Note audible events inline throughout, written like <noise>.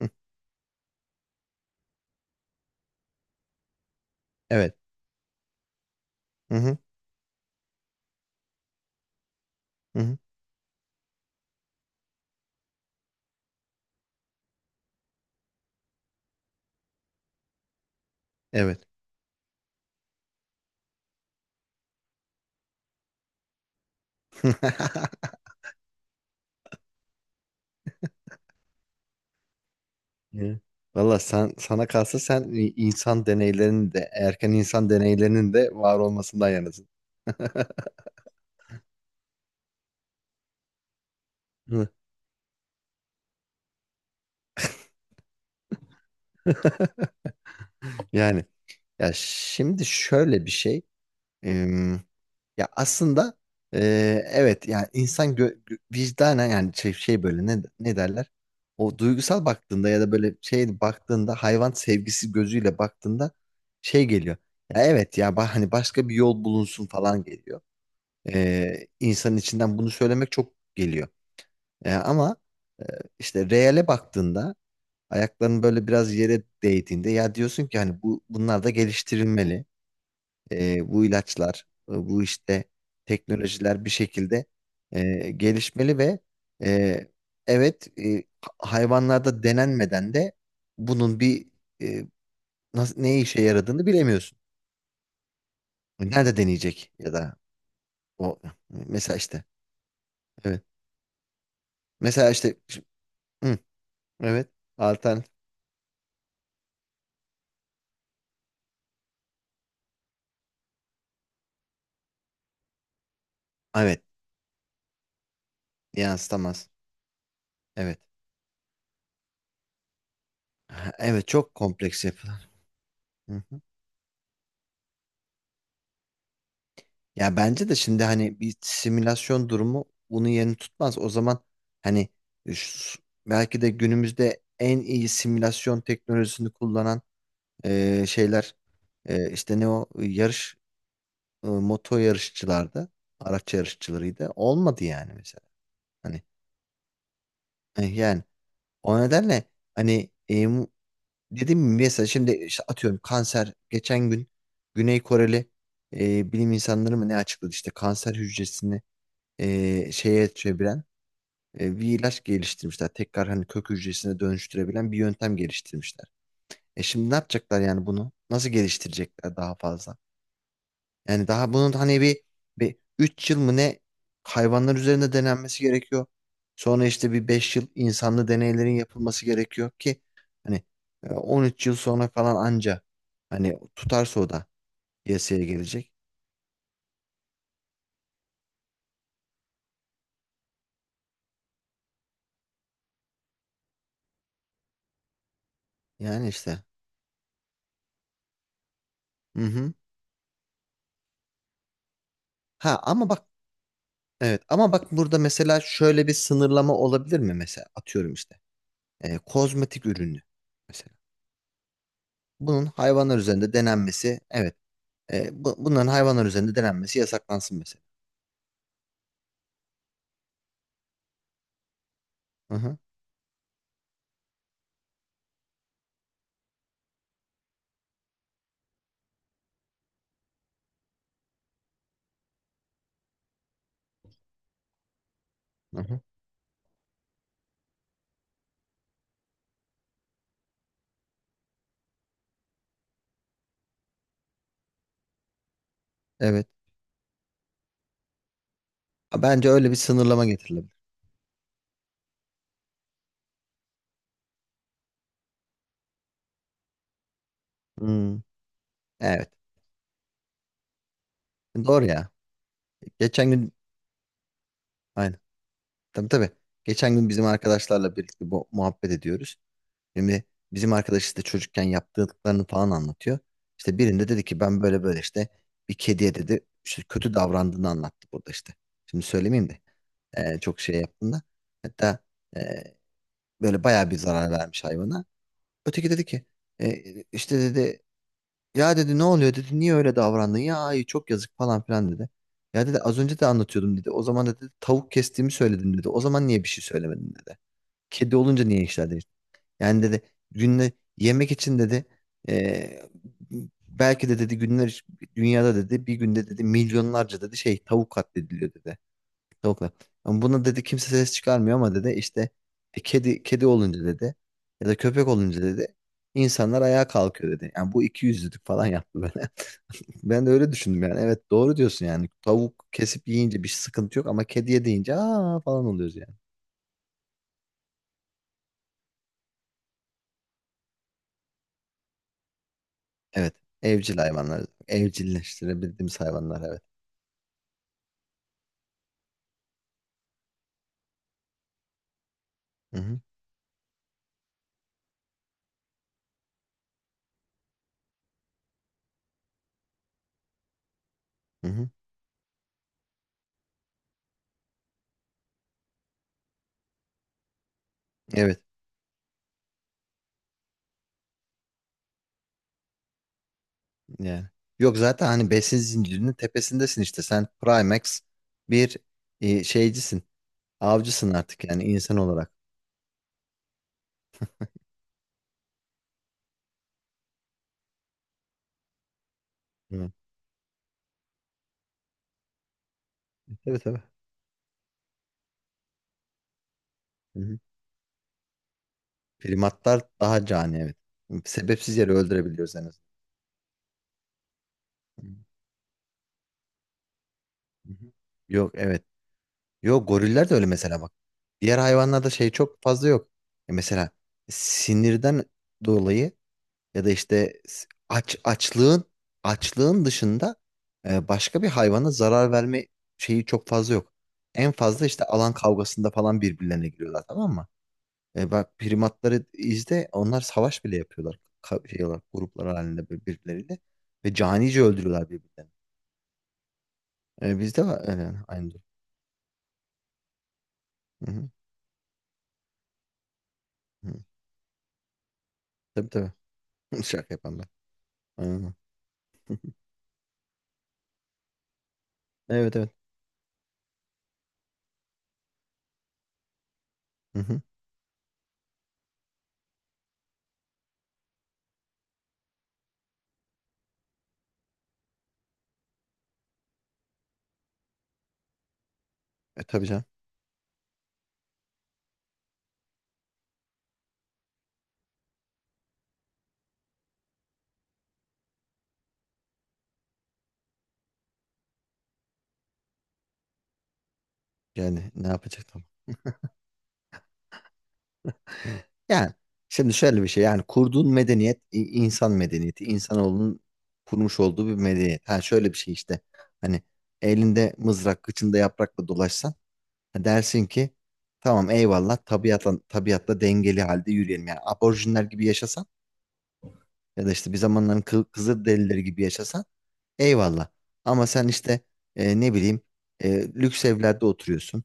Hı, Evet. Hı hı. Hı hı. Evet. <laughs> Evet. Valla sen, sana kalsa sen insan deneylerinin de erken insan deneylerinin de var olmasından yanasın. <laughs> Hı. <laughs> Yani ya şimdi şöyle bir şey. Em, ya aslında e, evet yani insan vicdana yani şey böyle ne derler? O duygusal baktığında ya da böyle şey baktığında hayvan sevgisi gözüyle baktığında şey geliyor. Ya evet ya hani başka bir yol bulunsun falan geliyor. İnsanın içinden bunu söylemek çok geliyor. Ama e, işte reale baktığında ayakların böyle biraz yere değdiğinde ya diyorsun ki hani bu bunlar da geliştirilmeli bu ilaçlar, bu işte teknolojiler bir şekilde gelişmeli ve e, evet hayvanlarda denenmeden de bunun bir e, nasıl, ne işe yaradığını bilemiyorsun. Nerede deneyecek ya da o mesela işte evet. Mesela işte hı, evet alternatif evet yansıtamaz. Evet. Ha, Evet çok kompleks yapılar. Hı hı. Ya bence de şimdi hani bir simülasyon durumu bunun yerini tutmaz. O zaman hani e, şu- belki de günümüzde en iyi simülasyon teknolojisini kullanan şeyler işte ne o yarış moto yarışçılarda araç yarışçılarıydı. Olmadı yani mesela. Hani yani o nedenle hani dedim mi mesela şimdi işte atıyorum kanser geçen gün Güney Koreli bilim insanları mı ne açıkladı işte kanser hücresini şeye çeviren bir ilaç geliştirmişler. Tekrar hani kök hücresine dönüştürebilen bir yöntem geliştirmişler. Şimdi ne yapacaklar yani bunu? Nasıl geliştirecekler daha fazla? Yani daha bunun hani bir, 3 yıl mı ne hayvanlar üzerinde denenmesi gerekiyor. Sonra işte bir, 5 yıl" insanlı deneylerin yapılması gerekiyor ki hani e, 13 yıl sonra falan anca hani tutarsa o da piyasaya gelecek. Yani işte. Hı hı. Ha ama bak Evet ama bak burada mesela şöyle bir sınırlama olabilir mi mesela atıyorum işte e, kozmetik ürünü mesela bunun hayvanlar üzerinde denenmesi evet e, bu- bunların hayvanlar üzerinde denenmesi yasaklansın mesela. Hı hı, hı hı. Evet Ha, bence öyle bir sınırlama getirilebilir. Hmm, evet doğru ya geçen gün aynen tabii tabii geçen gün bizim arkadaşlarla birlikte bu muhabbet ediyoruz. Şimdi bizim arkadaş işte çocukken yaptıklarını falan anlatıyor. İşte birinde dedi ki ben böyle böyle işte bir kediye dedi işte kötü davrandığını anlattı burada işte. Şimdi söylemeyeyim de e, çok şey yaptığında hatta e, böyle bayağı bir zarar vermiş hayvana. Öteki dedi ki e, işte dedi ya dedi ne oluyor dedi niye öyle davrandın ya ay çok yazık falan filan dedi. Ya dedi az önce de anlatıyordum dedi. O zaman da dedi tavuk kestiğimi söyledim dedi. O zaman niye bir şey söylemedin dedi. Kedi olunca niye işler yani dedi günde yemek için dedi eee, belki de dedi günler dünyada dedi bir günde dedi milyonlarca dedi şey tavuk katlediliyor dedi. Tavuklar. Ama buna dedi kimse ses çıkarmıyor ama dedi işte e, kedi kedi olunca dedi ya da köpek olunca dedi insanlar ayağa kalkıyor dedi. Yani bu iki yüzlülük falan yaptı böyle. <laughs> Ben de öyle düşündüm yani. Evet doğru diyorsun yani. Tavuk kesip yiyince bir sıkıntı yok ama kediye deyince aa falan oluyoruz yani. Evet. Evcil hayvanlar. Evcilleştirebildiğimiz hayvanlar evet. Hı hı. Hı hı. Evet yani. Yok zaten hani besin zincirinin tepesindesin işte. Sen Primax bir e, şeycisin. Avcısın artık yani insan olarak. Hı. Tabii tabii. Hı hı. Primatlar daha cani evet. Sebepsiz yere öldürebiliyoruz en azından. Hı hı. Yok evet. Yok goriller de öyle mesela bak. Diğer hayvanlarda şey çok fazla yok. E mesela sinirden dolayı ya da işte s- aç açlığın açlığın dışında e, başka bir hayvana zarar verme şeyi çok fazla yok. En fazla işte alan kavgasında falan birbirlerine giriyorlar tamam mı? E, bak primatları izle onlar savaş bile yapıyorlar. Ka şey olarak, gruplar halinde bir- birbirleriyle ve canice öldürüyorlar birbirlerini. E, bizde var e, aynı durum. Hı hı. Hı. Tabii tabii. <laughs> Şaka yapan ben. Aynen. Evet evet. Hı hı. E tabii canım. Yani ne yapacaktım? Yani şimdi şöyle bir şey yani kurduğun medeniyet i- insan medeniyeti insanoğlunun kurmuş olduğu bir medeniyet. Ha şöyle bir şey işte hani elinde mızrak kıçında yaprakla dolaşsan ha dersin ki tamam eyvallah tabiatla, tabiatla dengeli halde yürüyelim. Yani aborjinler gibi yaşasan ya da işte bir zamanların kı Kızılderilileri gibi yaşasan eyvallah. Ama sen işte e, ne bileyim e, lüks evlerde oturuyorsun.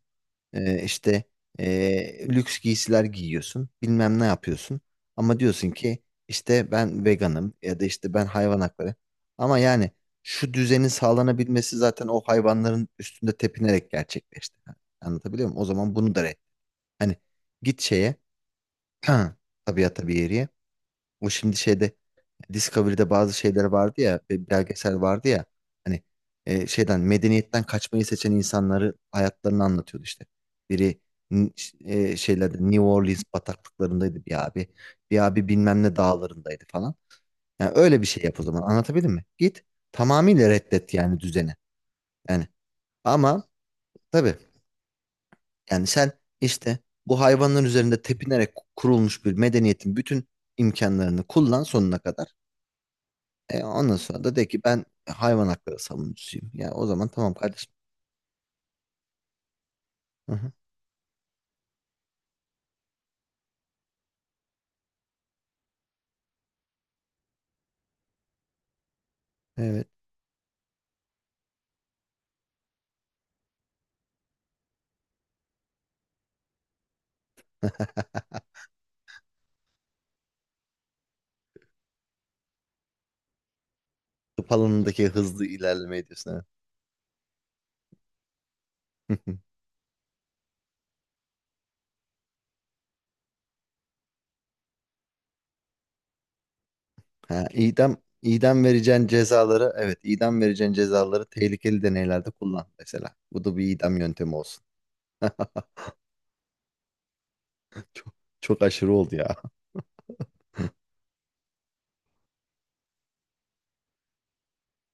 İşte lüks giysiler giyiyorsun, bilmem ne yapıyorsun. Ama diyorsun ki işte ben veganım ya da işte ben hayvan hakları. Ama yani şu düzenin sağlanabilmesi zaten o hayvanların üstünde tepinerek gerçekleşti. Anlatabiliyor muyum? O zaman bunu da red. Hani git şeye, <clears throat> tabiata bir yeriye. O şimdi şeyde Discovery'de bazı şeyler vardı ya, bir belgesel vardı ya. Hani e, şeyden medeniyetten kaçmayı seçen insanları hayatlarını anlatıyordu işte. Biri n- ş- e, şeylerde New Orleans bataklıklarındaydı bir abi. Bir abi bilmem ne dağlarındaydı falan. Yani öyle bir şey yap o zaman. Anlatabildim mi? Git tamamıyla reddet yani düzeni. Yani ama tabii yani sen işte bu hayvanların üzerinde tepinerek kurulmuş bir medeniyetin bütün imkanlarını kullan sonuna kadar. E, ondan sonra da de ki ben hayvan hakları savunucusuyum. Yani o zaman tamam kardeşim. Hı hı. Evet. Tıp alanındaki hızlı ilerlemeyi diyorsun. Evet. Hı hı. Ha, idam, idam vereceğin cezaları evet idam vereceğin cezaları tehlikeli deneylerde kullan mesela. Bu da bir idam yöntemi olsun. <laughs> Çok, çok aşırı oldu ya.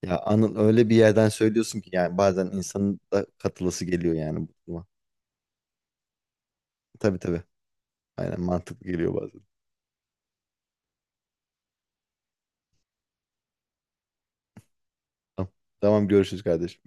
Ya Anıl öyle bir yerden söylüyorsun ki yani bazen insanın da katılası geliyor yani bu duruma. Tabii tabii. Aynen mantıklı geliyor bazen. Tamam, tamam görüşürüz kardeşim.